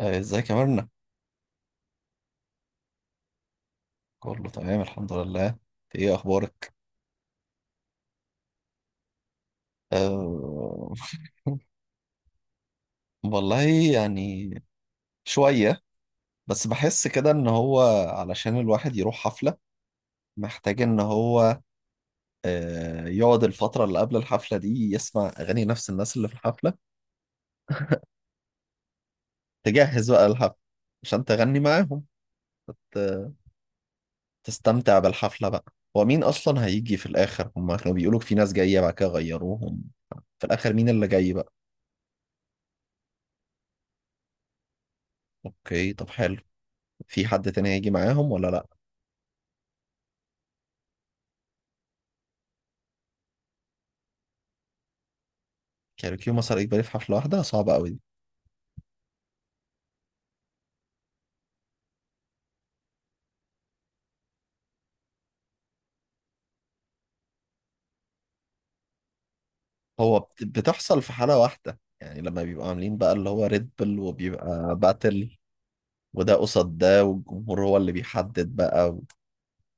آه، ازيك يا مرنة؟ كله تمام، الحمد لله. انت ايه اخبارك؟ أه... والله، يعني شوية، بس بحس كده ان هو علشان الواحد يروح حفلة محتاج ان هو يقعد الفترة اللي قبل الحفلة دي يسمع اغاني نفس الناس اللي في الحفلة. تجهز بقى الحفلة عشان تغني معاهم، ت... تستمتع بالحفلة بقى. ومين اصلا هيجي في الاخر؟ هما كانوا بيقولوا في ناس جاية بعد كده غيروهم، في الاخر مين اللي جاي بقى؟ اوكي، طب حلو. في حد تاني هيجي معاهم ولا لا؟ كاريوكي ومسار اجباري في حفله واحده صعبه قوي دي. هو بتحصل في حاله واحده، يعني لما بيبقوا عاملين بقى اللي هو ريد بل وبيبقى باتل، وده قصاد ده، والجمهور هو اللي بيحدد بقى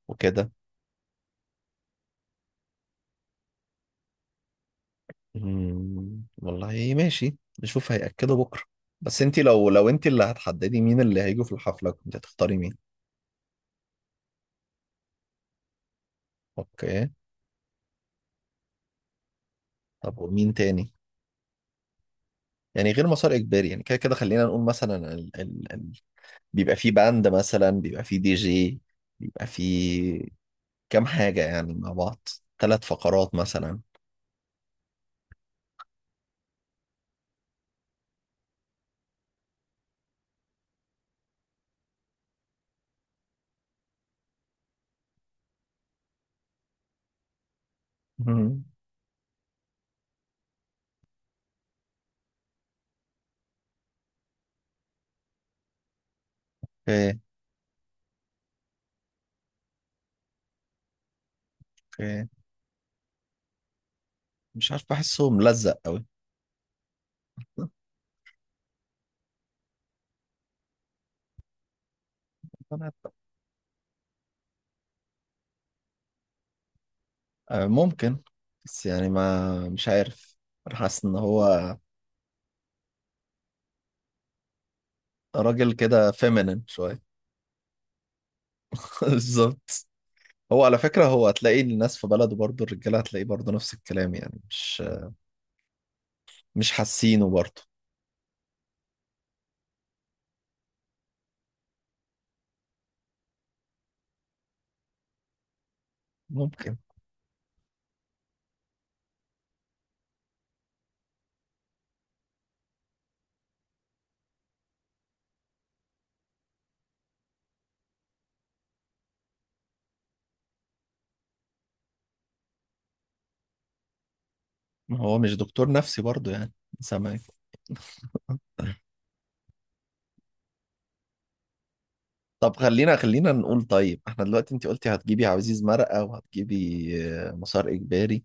وكده. مم، والله ماشي. نشوف هيأكدوا بكره. بس انت لو انت اللي هتحددي مين اللي هيجوا في الحفله كنت هتختاري مين؟ اوكي، طب ومين تاني؟ يعني غير مسار اجباري، يعني كده كده خلينا نقول مثلا بيبقى فيه باند، مثلا بيبقى فيه دي جي، بيبقى فيه كام حاجة يعني مع بعض، ثلاث فقرات مثلا. مم. اوكي، اوكي. مش عارف، بحسه ملزق قوي. آه، ممكن، بس يعني ما مش عارف، انا حاسس ان هو راجل كده فيمينين شوية. بالظبط. هو على فكرة هو هتلاقي الناس في بلده برضه الرجالة هتلاقيه برضه نفس الكلام، يعني مش حاسينه برضه. ممكن. ما هو مش دكتور نفسي برضه يعني، سامع. طب خلينا خلينا نقول، طيب احنا دلوقتي انت قلتي هتجيبي عزيز مرقة وهتجيبي مسار اجباري.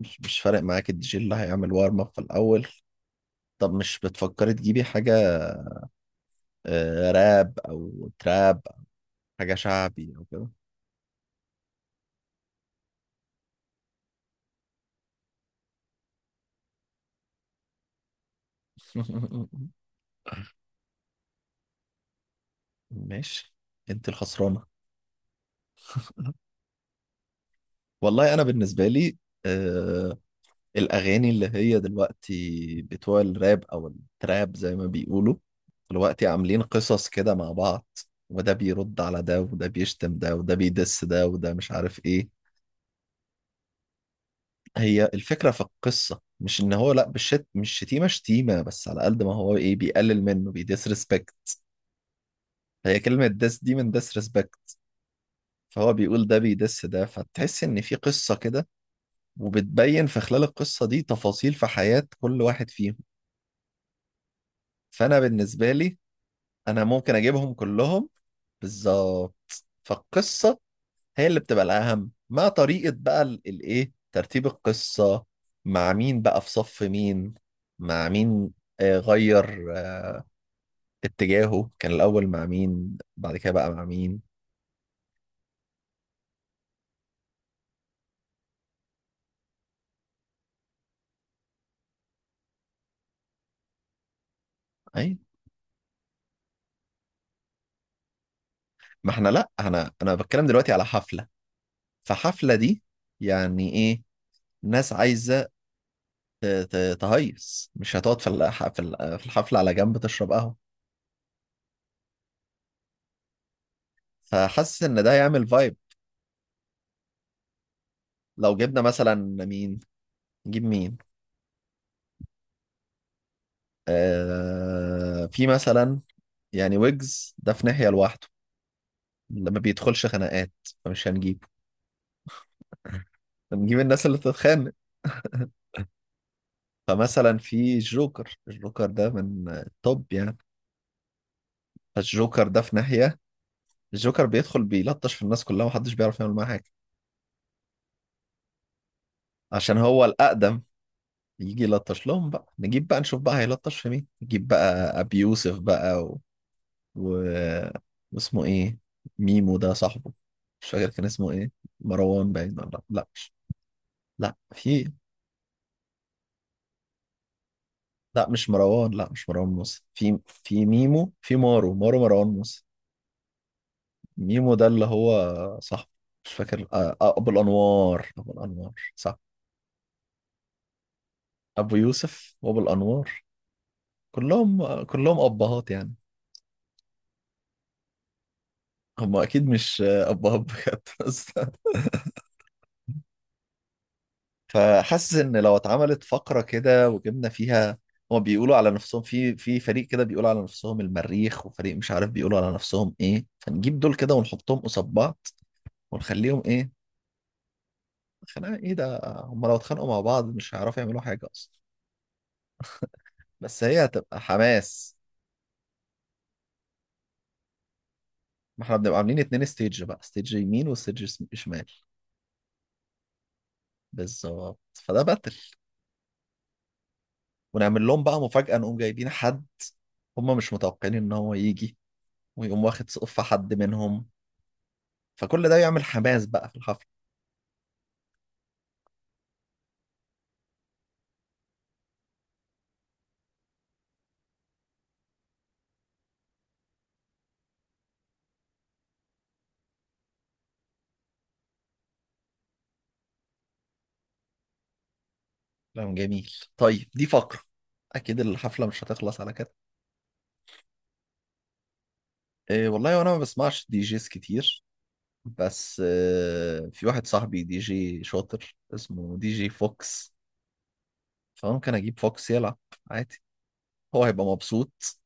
مش فارق معاك الدي جي اللي هيعمل وارم اب في الاول. طب مش بتفكري تجيبي حاجة راب او تراب أو حاجة شعبي او كده؟ ماشي. انت الخسرانة. والله انا بالنسبة لي آه، الأغاني اللي هي دلوقتي بتوع الراب أو التراب زي ما بيقولوا دلوقتي عاملين قصص كده مع بعض. وده بيرد على ده، وده بيشتم ده، وده بيدس ده، وده مش عارف إيه. هي الفكرة في القصة مش إن هو لأ، بالشت، مش شتيمة شتيمة، بس على قد ما هو إيه، بيقلل منه. ريسبكت، هي كلمة دس دي من ريسبكت. فهو بيقول ده بيدس ده، فتحس إن في قصة كده، وبتبين في خلال القصة دي تفاصيل في حياة كل واحد فيهم. فأنا بالنسبة لي انا ممكن اجيبهم كلهم. بالظبط. فالقصه هي اللي بتبقى الاهم، مع طريقه بقى الايه ترتيب القصه، مع مين بقى في صف مين، مع مين، غير اتجاهه كان الاول مع مين بعد كده بقى مع مين. اي. ما احنا لا، انا بتكلم دلوقتي على حفله، فحفله دي يعني ايه، ناس عايزه تهيص، مش هتقعد في في الحفله على جنب تشرب قهوه. فحاسس ان ده هيعمل فايب. لو جبنا مثلا مين، نجيب مين. آه، في مثلا يعني ويجز ده في ناحية لوحده، لما بيدخلش خناقات، فمش هنجيبه. هنجيب الناس اللي بتتخانق. فمثلا في الجوكر، الجوكر ده من التوب يعني. فالجوكر ده في ناحية. الجوكر بيدخل بيلطش في الناس كلها ومحدش بيعرف يعمل معاه حاجة، عشان هو الأقدم. يجي يلطش لهم بقى، نجيب بقى، نشوف بقى هيلطش في مين، نجيب بقى أبي يوسف بقى و... واسمه ايه، ميمو ده صاحبه، مش فاكر كان اسمه ايه. مروان باين ولا لا، مش لا، في لا، مش مروان، لا مش مروان موسى، في ميمو، في مارو مارو مروان موسى. ميمو ده اللي هو صاحبه، مش فاكر ابو الانوار، ابو الانوار، صح. ابو يوسف وابو الانوار، كلهم كلهم ابهات يعني. هم اكيد مش ابهات بجد بس. فحاسس ان لو اتعملت فقره كده وجبنا فيها، هما بيقولوا على نفسهم في فريق كده، بيقولوا على نفسهم المريخ، وفريق مش عارف بيقولوا على نفسهم ايه، فنجيب دول كده ونحطهم قصاد بعض ونخليهم ايه. خناقه ايه؟ ده هما لو اتخانقوا مع بعض مش هيعرفوا يعملوا حاجه اصلا. بس هي هتبقى حماس. ما احنا بنبقى عاملين اتنين ستيج بقى، ستيج يمين وستيج شمال. بالظبط، فده باتل. ونعمل لهم بقى مفاجأة، نقوم جايبين حد هما مش متوقعين ان هو يجي، ويقوم واخد سقف حد منهم. فكل ده يعمل حماس بقى في الحفلة. كلام جميل، طيب، دي فقرة. أكيد الحفلة مش هتخلص على كده. إيه والله، وأنا ما بسمعش دي جيز كتير، بس في واحد صاحبي دي جي شاطر اسمه دي جي فوكس. فممكن أجيب فوكس يلعب عادي، هو هيبقى مبسوط،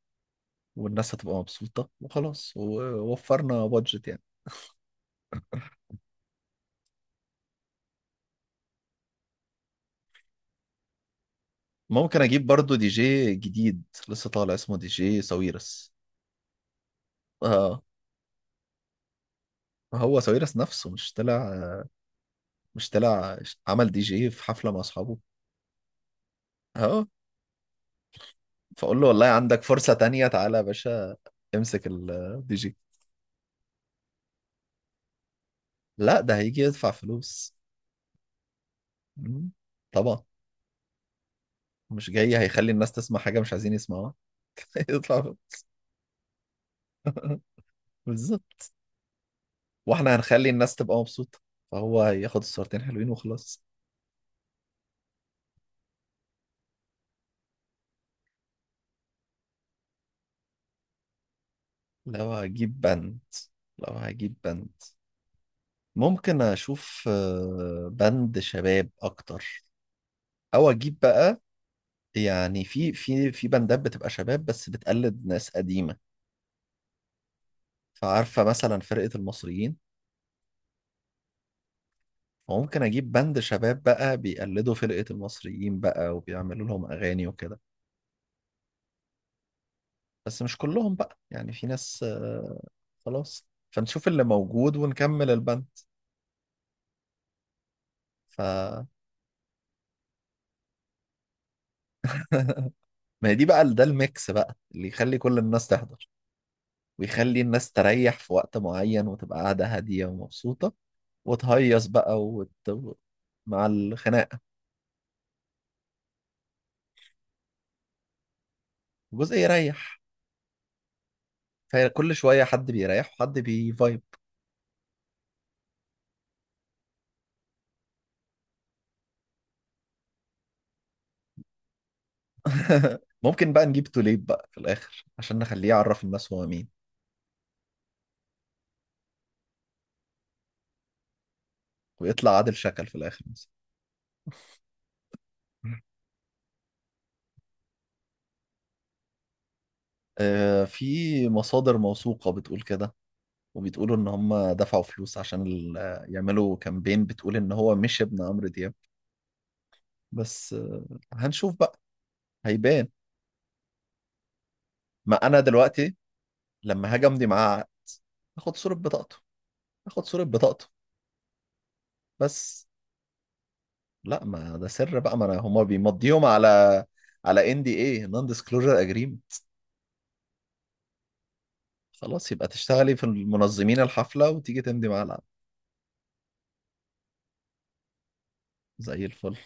والناس هتبقى مبسوطة، وخلاص ووفرنا بادجت يعني. ممكن أجيب برضو دي جي جديد لسه طالع اسمه دي جي ساويرس. آه. هو ساويرس نفسه مش طلع مش طلع، عمل دي جي في حفلة مع أصحابه. اهو، فاقول له والله عندك فرصة تانية، تعالى يا باشا، امسك الدي جي. لا ده هيجي يدفع فلوس. مم. طبعا، مش جاي هيخلي الناس تسمع حاجة مش عايزين يسمعوها. يدفع فلوس. بالظبط. واحنا هنخلي الناس تبقى مبسوطة، فهو هياخد الصورتين حلوين وخلاص. لو هجيب بند لو هجيب بند، ممكن اشوف بند شباب اكتر، او اجيب بقى، يعني في في بندات بتبقى شباب بس بتقلد ناس قديمة. فعارفة مثلا فرقة المصريين، وممكن أجيب بند شباب بقى بيقلدوا فرقة المصريين بقى وبيعملوا لهم أغاني وكده، بس مش كلهم بقى يعني، في ناس خلاص، فنشوف اللي موجود ونكمل البند. ف ما هي دي بقى، ده الميكس بقى اللي يخلي كل الناس تحضر، ويخلي الناس تريح في وقت معين وتبقى قاعدة هادية ومبسوطة، وتهيص بقى مع الخناقة، جزء يريح. فكل شوية حد بيريح وحد بيفايب. ممكن بقى نجيب توليب بقى في الآخر عشان نخليه يعرف الناس هو مين، ويطلع عادل شكل في الآخر مثلا. آه، في مصادر موثوقة بتقول كده، وبتقولوا إن هم دفعوا فلوس عشان يعملوا كامبين بتقول إن هو مش ابن عمرو دياب. بس هنشوف بقى، هيبان. ما أنا دلوقتي لما هاجي أمضي معاه عقد آخد صورة بطاقته، آخد صورة بطاقته بس. لا ما ده سر بقى، ما أنا هم بيمضيهم على ان دي اي نون ديسكلوجر اجريمنت. خلاص يبقى تشتغلي في منظمين الحفلة وتيجي تمضي مع العقد. زي الفل.